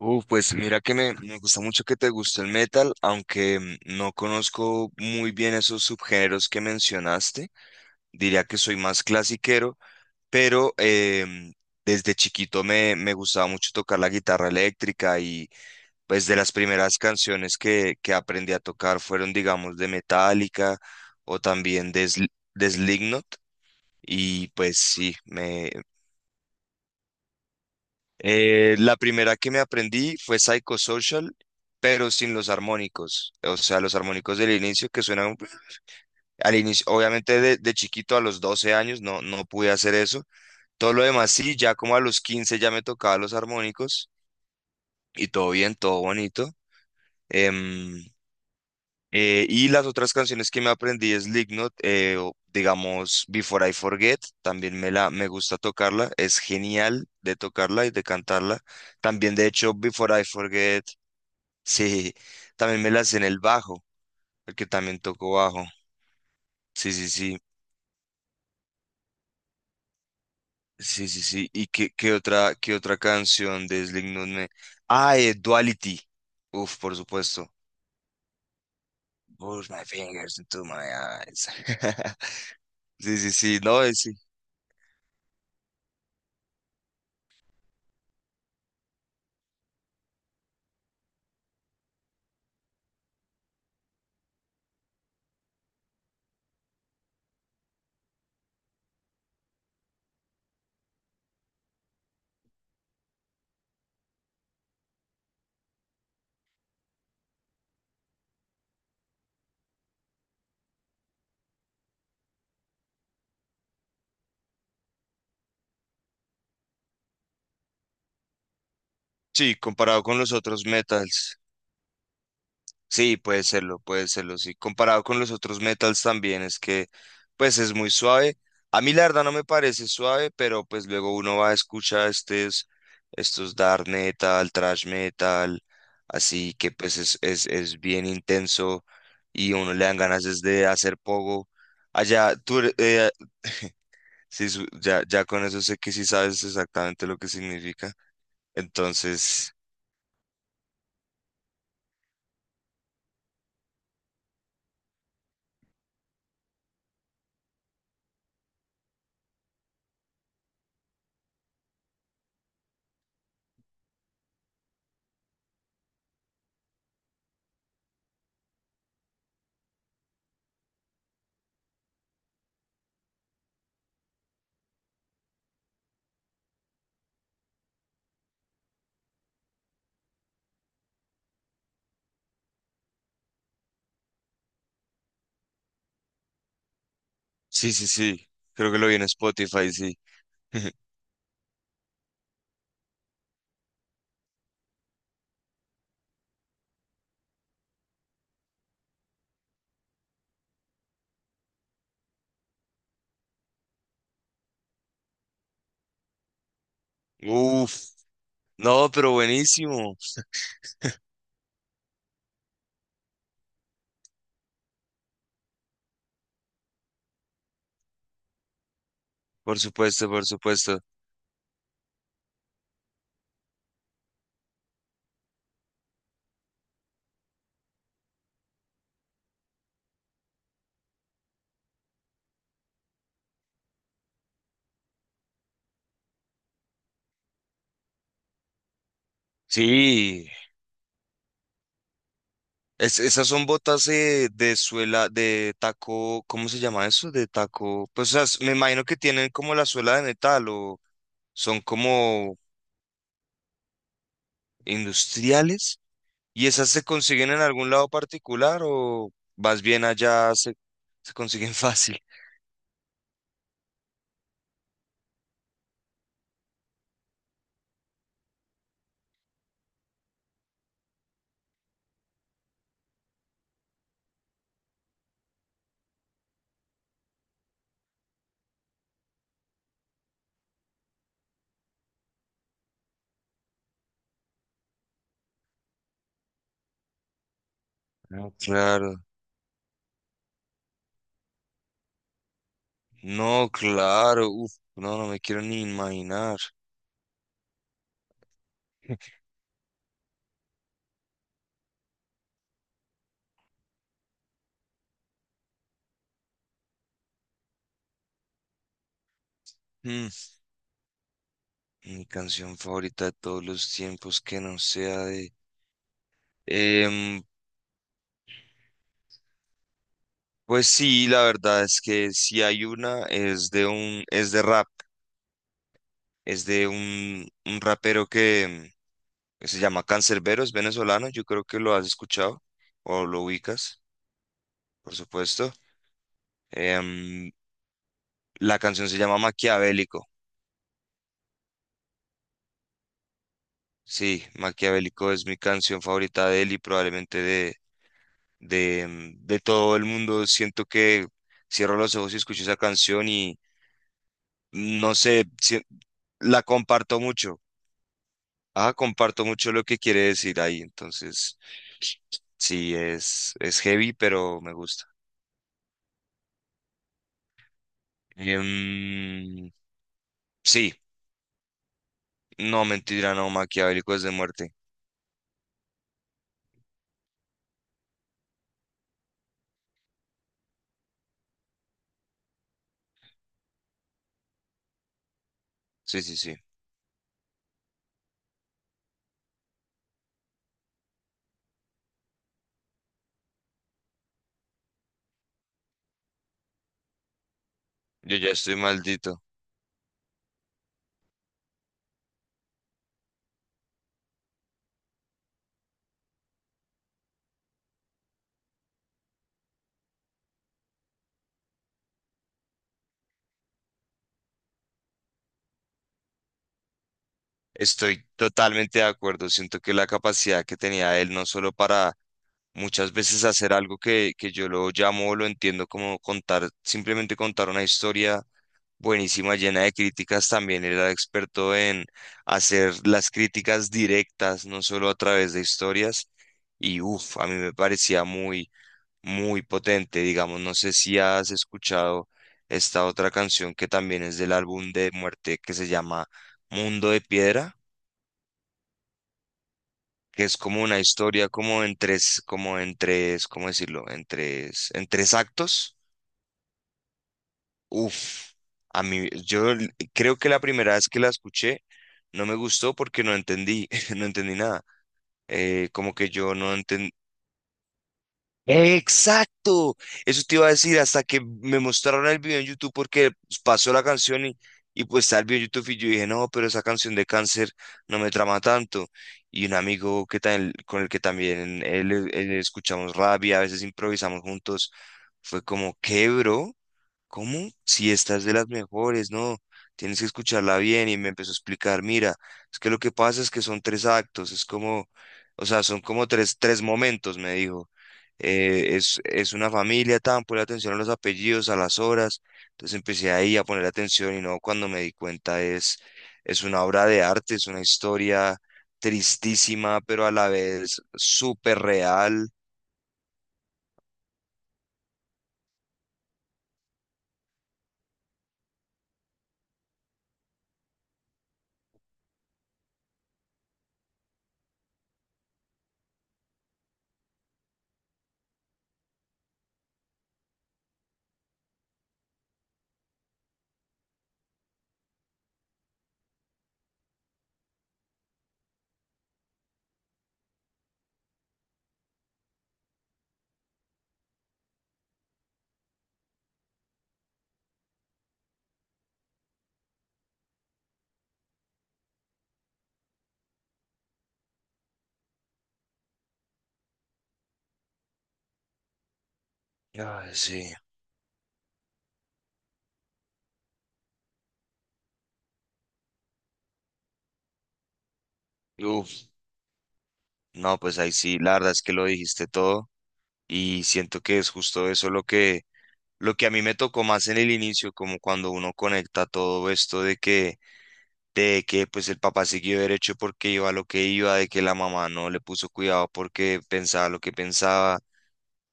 Pues mira que me gusta mucho que te guste el metal, aunque mm, no conozco muy bien esos subgéneros que mencionaste. Diría que soy más clasiquero, pero desde chiquito me gustaba mucho tocar la guitarra eléctrica y pues de las primeras canciones que aprendí a tocar fueron, digamos, de Metallica o también de Slipknot. Y pues sí, me... La primera que me aprendí fue Psychosocial, pero sin los armónicos. O sea, los armónicos del inicio que suenan al inicio. Obviamente de chiquito a los 12 años no pude hacer eso. Todo lo demás sí, ya como a los 15 ya me tocaba los armónicos y todo bien, todo bonito. Em, y las otras canciones que me aprendí es Lignot, o digamos Before I Forget, también me gusta tocarla, es genial de tocarla y de cantarla. También de hecho Before I Forget. Sí, también me la sé en el bajo, porque también toco bajo. Sí, sí, sí, sí, sí, sí. ¿Y qué otra, qué otra canción de Slipknot me... Ah, Duality. Uf, por supuesto. Push my fingers into my eyes. Sí, sí, sí, no, sí. Sí, comparado con los otros metals. Sí, puede serlo, sí. Comparado con los otros metals también es que, pues es muy suave. A mí la verdad no me parece suave, pero pues luego uno va a escuchar estos dark metal, thrash metal, así que pues es bien intenso y uno le dan ganas es de hacer pogo. Allá, tú, sí, ya, ya con eso sé que sí sabes exactamente lo que significa. Entonces, sí, sí, sí, creo que lo vi en Spotify, sí. Uf. No, pero buenísimo. Por supuesto, por supuesto. Sí, es- esas son botas de suela, de taco, ¿cómo se llama eso? De taco. Pues o sea, me imagino que tienen como la suela de metal o son como industriales. ¿Y esas se consiguen en algún lado particular o vas bien allá, se consiguen fácil? Ah, claro, no, claro. Uf, no, no me quiero ni imaginar. Mm. Mi canción favorita de todos los tiempos que no sea de... Em, pues sí, la verdad es que si hay una, es de un, es de rap, es de un rapero que, que se llama Canserbero, es venezolano, yo creo que lo has escuchado o lo ubicas, por supuesto. Em, la canción se llama Maquiavélico, sí, Maquiavélico es mi canción favorita de él y probablemente de, de todo el mundo. Siento que cierro los ojos y escucho esa canción no sé, la comparto mucho. Ah, comparto mucho lo que quiere decir ahí. Entonces, sí, es heavy, pero me gusta. Em, sí, no, mentira, no, Maquiavélico es de Muerte. Sí, sí, sí. Yo ya estoy maldito. Estoy totalmente de acuerdo. Siento que la capacidad que tenía él, no solo para muchas veces hacer algo que yo lo llamo o lo entiendo como contar, simplemente contar una historia buenísima, llena de críticas también. Era experto en hacer las críticas directas, no solo a través de historias. Y uff, a mí me parecía muy, muy potente. Digamos, no sé si has escuchado esta otra canción que también es del álbum de Muerte que se llama Mundo de Piedra, que es como una historia como como en tres, ¿cómo decirlo? En tres actos. Uf, a mí, creo que la primera vez que la escuché no me gustó porque no entendí, no entendí nada. Como que yo no entendí. ¡Exacto! Eso te iba a decir hasta que me mostraron el video en YouTube porque pasó la canción y pues está el video en YouTube y yo dije, no, pero esa canción de Cáncer no me trama tanto. Y un amigo que con el que también él escuchamos rap y a veces improvisamos juntos, fue como, ¿qué, bro? ¿Cómo? Si esta es de las mejores, no, tienes que escucharla bien. Y me empezó a explicar, mira, es que lo que pasa es que son tres actos, es como, o sea, son como tres momentos, me dijo. Es una familia tan, ponle atención a los apellidos, a las horas. Entonces empecé ahí a poner atención y no, cuando me di cuenta es una obra de arte, es una historia tristísima, pero a la vez súper real. Ay, sí. Uf, no, pues ahí sí, la verdad es que lo dijiste todo. Y siento que es justo eso lo que a mí me tocó más en el inicio, como cuando uno conecta todo esto de que pues el papá siguió derecho porque iba a lo que iba, de que la mamá no le puso cuidado porque pensaba lo que pensaba.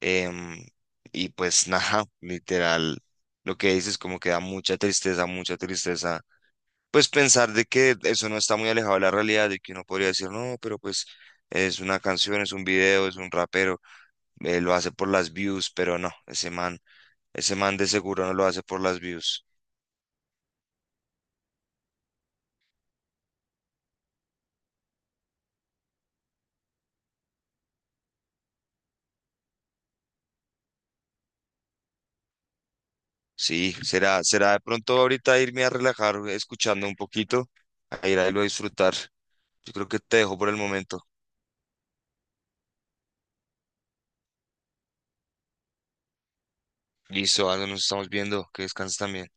em, y pues nada, literal, lo que dices como que da mucha tristeza, mucha tristeza. Pues pensar de que eso no está muy alejado de la realidad, de que uno podría decir, no, pero pues es una canción, es un video, es un rapero lo hace por las views, pero no, ese man de seguro no lo hace por las views. Sí, será, será de pronto ahorita irme a relajar escuchando un poquito, a ir a irlo a disfrutar. Yo creo que te dejo por el momento. Listo, ah, nos estamos viendo, que descanses también.